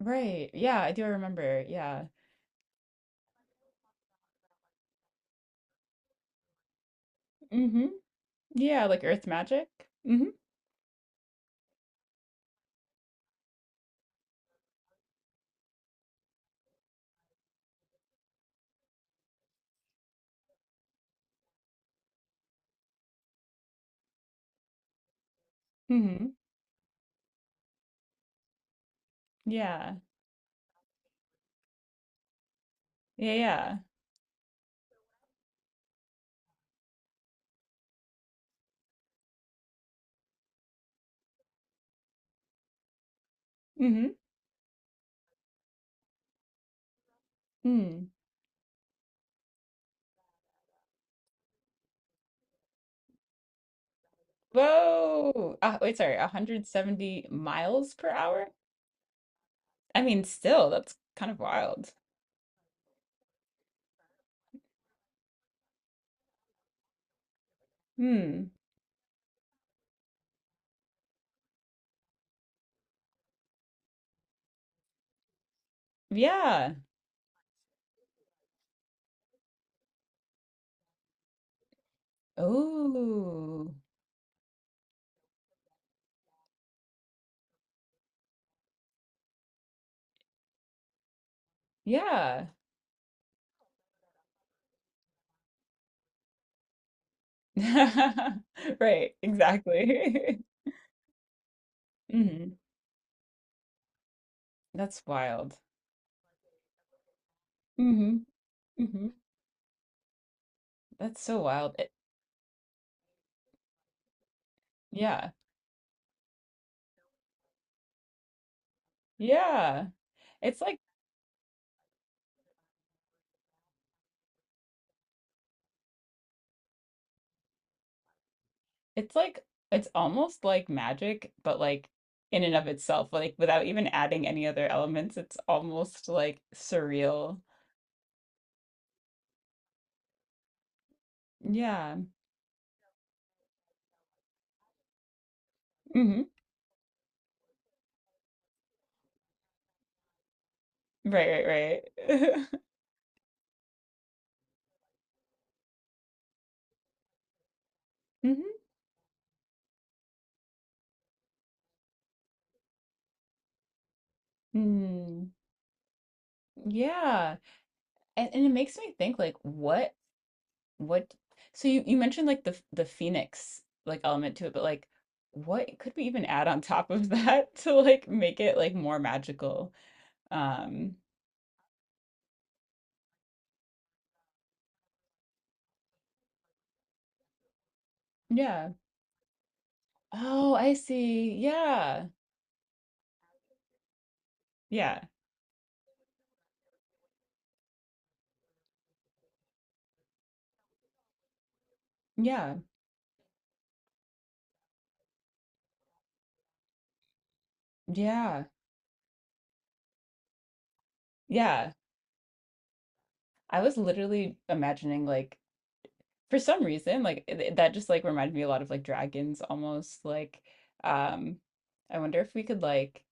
Right. Yeah, I do remember. Yeah. Mm-hmm. Yeah, like Earth magic. Mm-hmm. Mm-hmm. Yeah. Yeah, yeah. Mm-hmm. Mm. Whoa. Wait, sorry, 170 miles per hour? I mean, still, that's kind of wild. Hmm. Yeah. Oh. Yeah. Right, exactly. Mm-hmm. That's wild. Mm-hmm. Mm-hmm. That's so wild. Yeah. Yeah. It's like It's like it's almost like magic, but like in and of itself, like without even adding any other elements, it's almost like surreal. Yeah. Hmm. Right, right, right. Hmm. Mm. Yeah. And it makes me think like what so you mentioned like the phoenix like element to it, but like what could we even add on top of that to like make it like more magical? Um, yeah. Oh, I see. Yeah. Yeah. Yeah, yeah, yeah. I was literally imagining like for some reason like that just like reminded me a lot of like dragons almost like um I wonder if we could like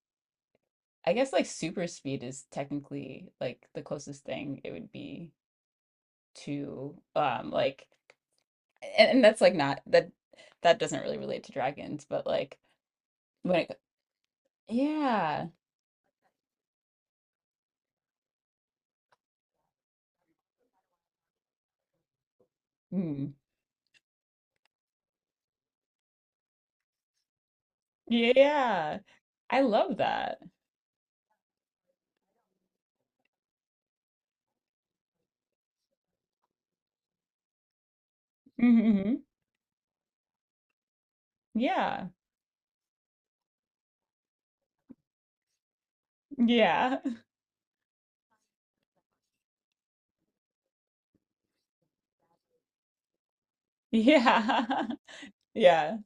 I guess like super speed is technically like the closest thing it would be to like and that's like not that that doesn't really relate to dragons but like when it yeah. Mm, yeah. I love that. Hmm. Yeah. Yeah. Yeah. Yeah.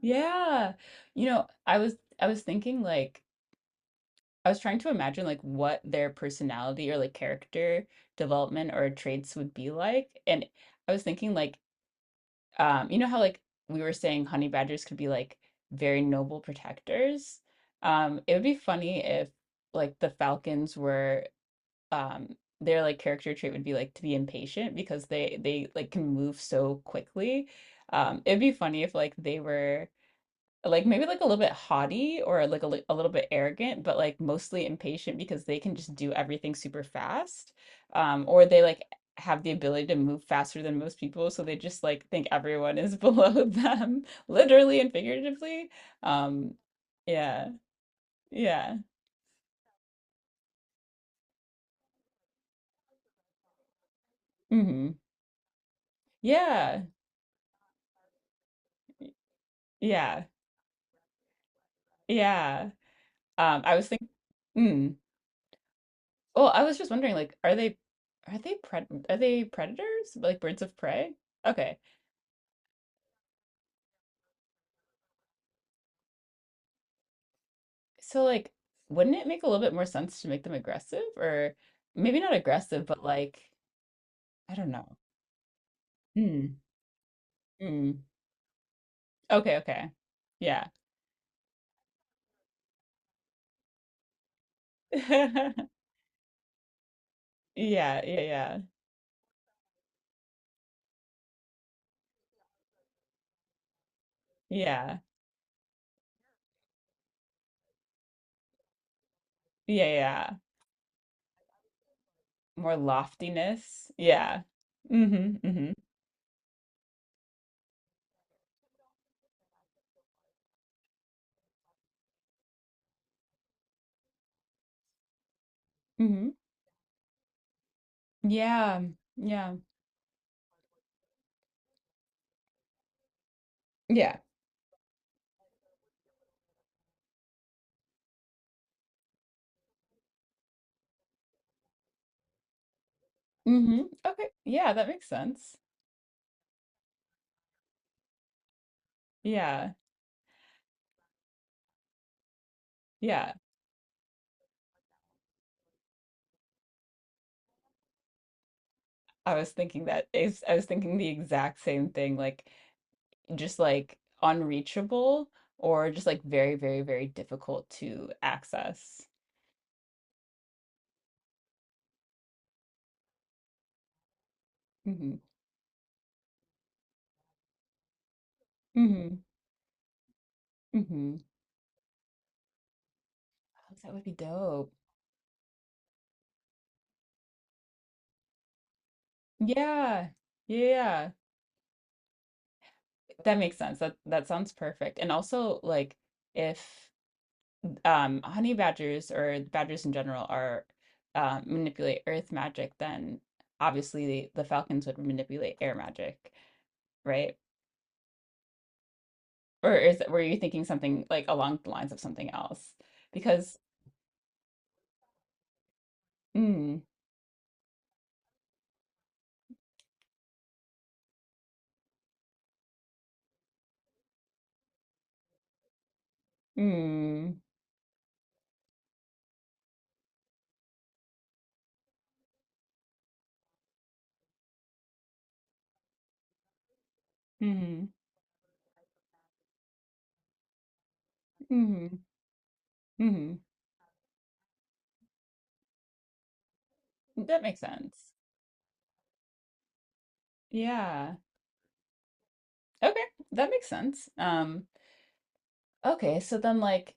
Yeah. I was thinking like I was trying to imagine like what their personality or like character development or traits would be like. And I was thinking like you know how like we were saying honey badgers could be like very noble protectors. It would be funny if like the falcons were their like character trait would be like to be impatient because they like can move so quickly. It'd be funny if like they were like maybe like a little bit haughty or like a little bit arrogant, but like mostly impatient because they can just do everything super fast. Or they like have the ability to move faster than most people, so they just like think everyone is below them, literally and figuratively. Um, yeah, yeah. Hmm. Yeah, yeah, yeah. I was thinking, mm. Well, I was just wondering, like, are they predators? Like birds of prey? Okay. So like, wouldn't it make a little bit more sense to make them aggressive or maybe not aggressive, but like, I don't know. Hmm. Hmm. Okay, okay. Yeah. Yeah, yeah, yeah. Yeah. Yeah, yeah. More loftiness. Yeah. Mm-hmm. Mm-hmm. Mm-hmm. Yeah. Yeah. Yeah. Mm-hmm. Okay. Yeah, that makes sense. Yeah. Yeah. I was thinking the exact same thing, like just like unreachable or just like very, very, very difficult to access. Hmm. Hmm. Hmm. Oh, that would be dope. Yeah. Yeah. That makes sense. That sounds perfect. And also like if honey badgers or badgers in general are manipulate earth magic, then obviously the falcons would manipulate air magic, right? Or is were you thinking something like along the lines of something else? Because. Hmm. Mm-hmm. Mm-hmm. Mm-hmm. Mm-hmm. Mm. Hmm. Hmm. Hmm. That makes sense. Yeah. Okay, that makes sense. Okay, so then like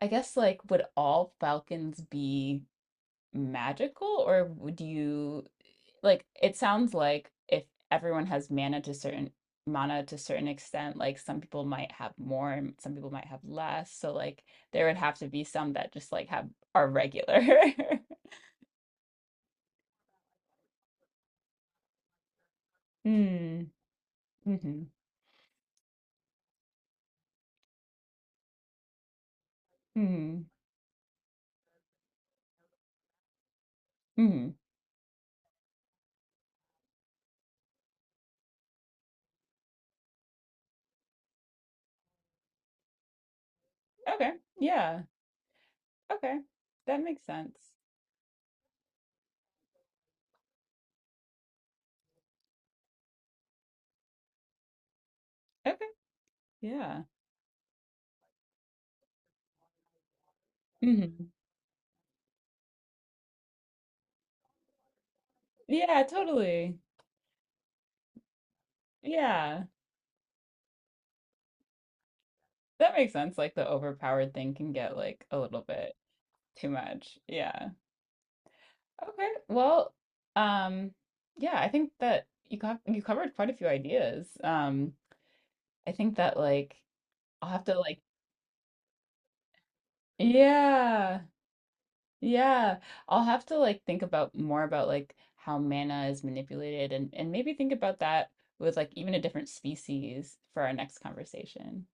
I guess like would all falcons be magical, or would you like it sounds like if everyone has mana to certain extent, like some people might have more and some people might have less. So like there would have to be some that just like have are regular. Mm. Hmm. Hmm. Hmm. Okay. Yeah. Okay. That makes sense. Okay. Yeah. Hmm. Yeah, totally. Yeah. That makes sense. Like the overpowered thing can get like a little bit too much. Yeah. Okay. Well, um, yeah, I think that you covered quite a few ideas. I think that like I'll have to like, yeah. Yeah, I'll have to like think about more about like how mana is manipulated and maybe think about that with like even a different species for our next conversation.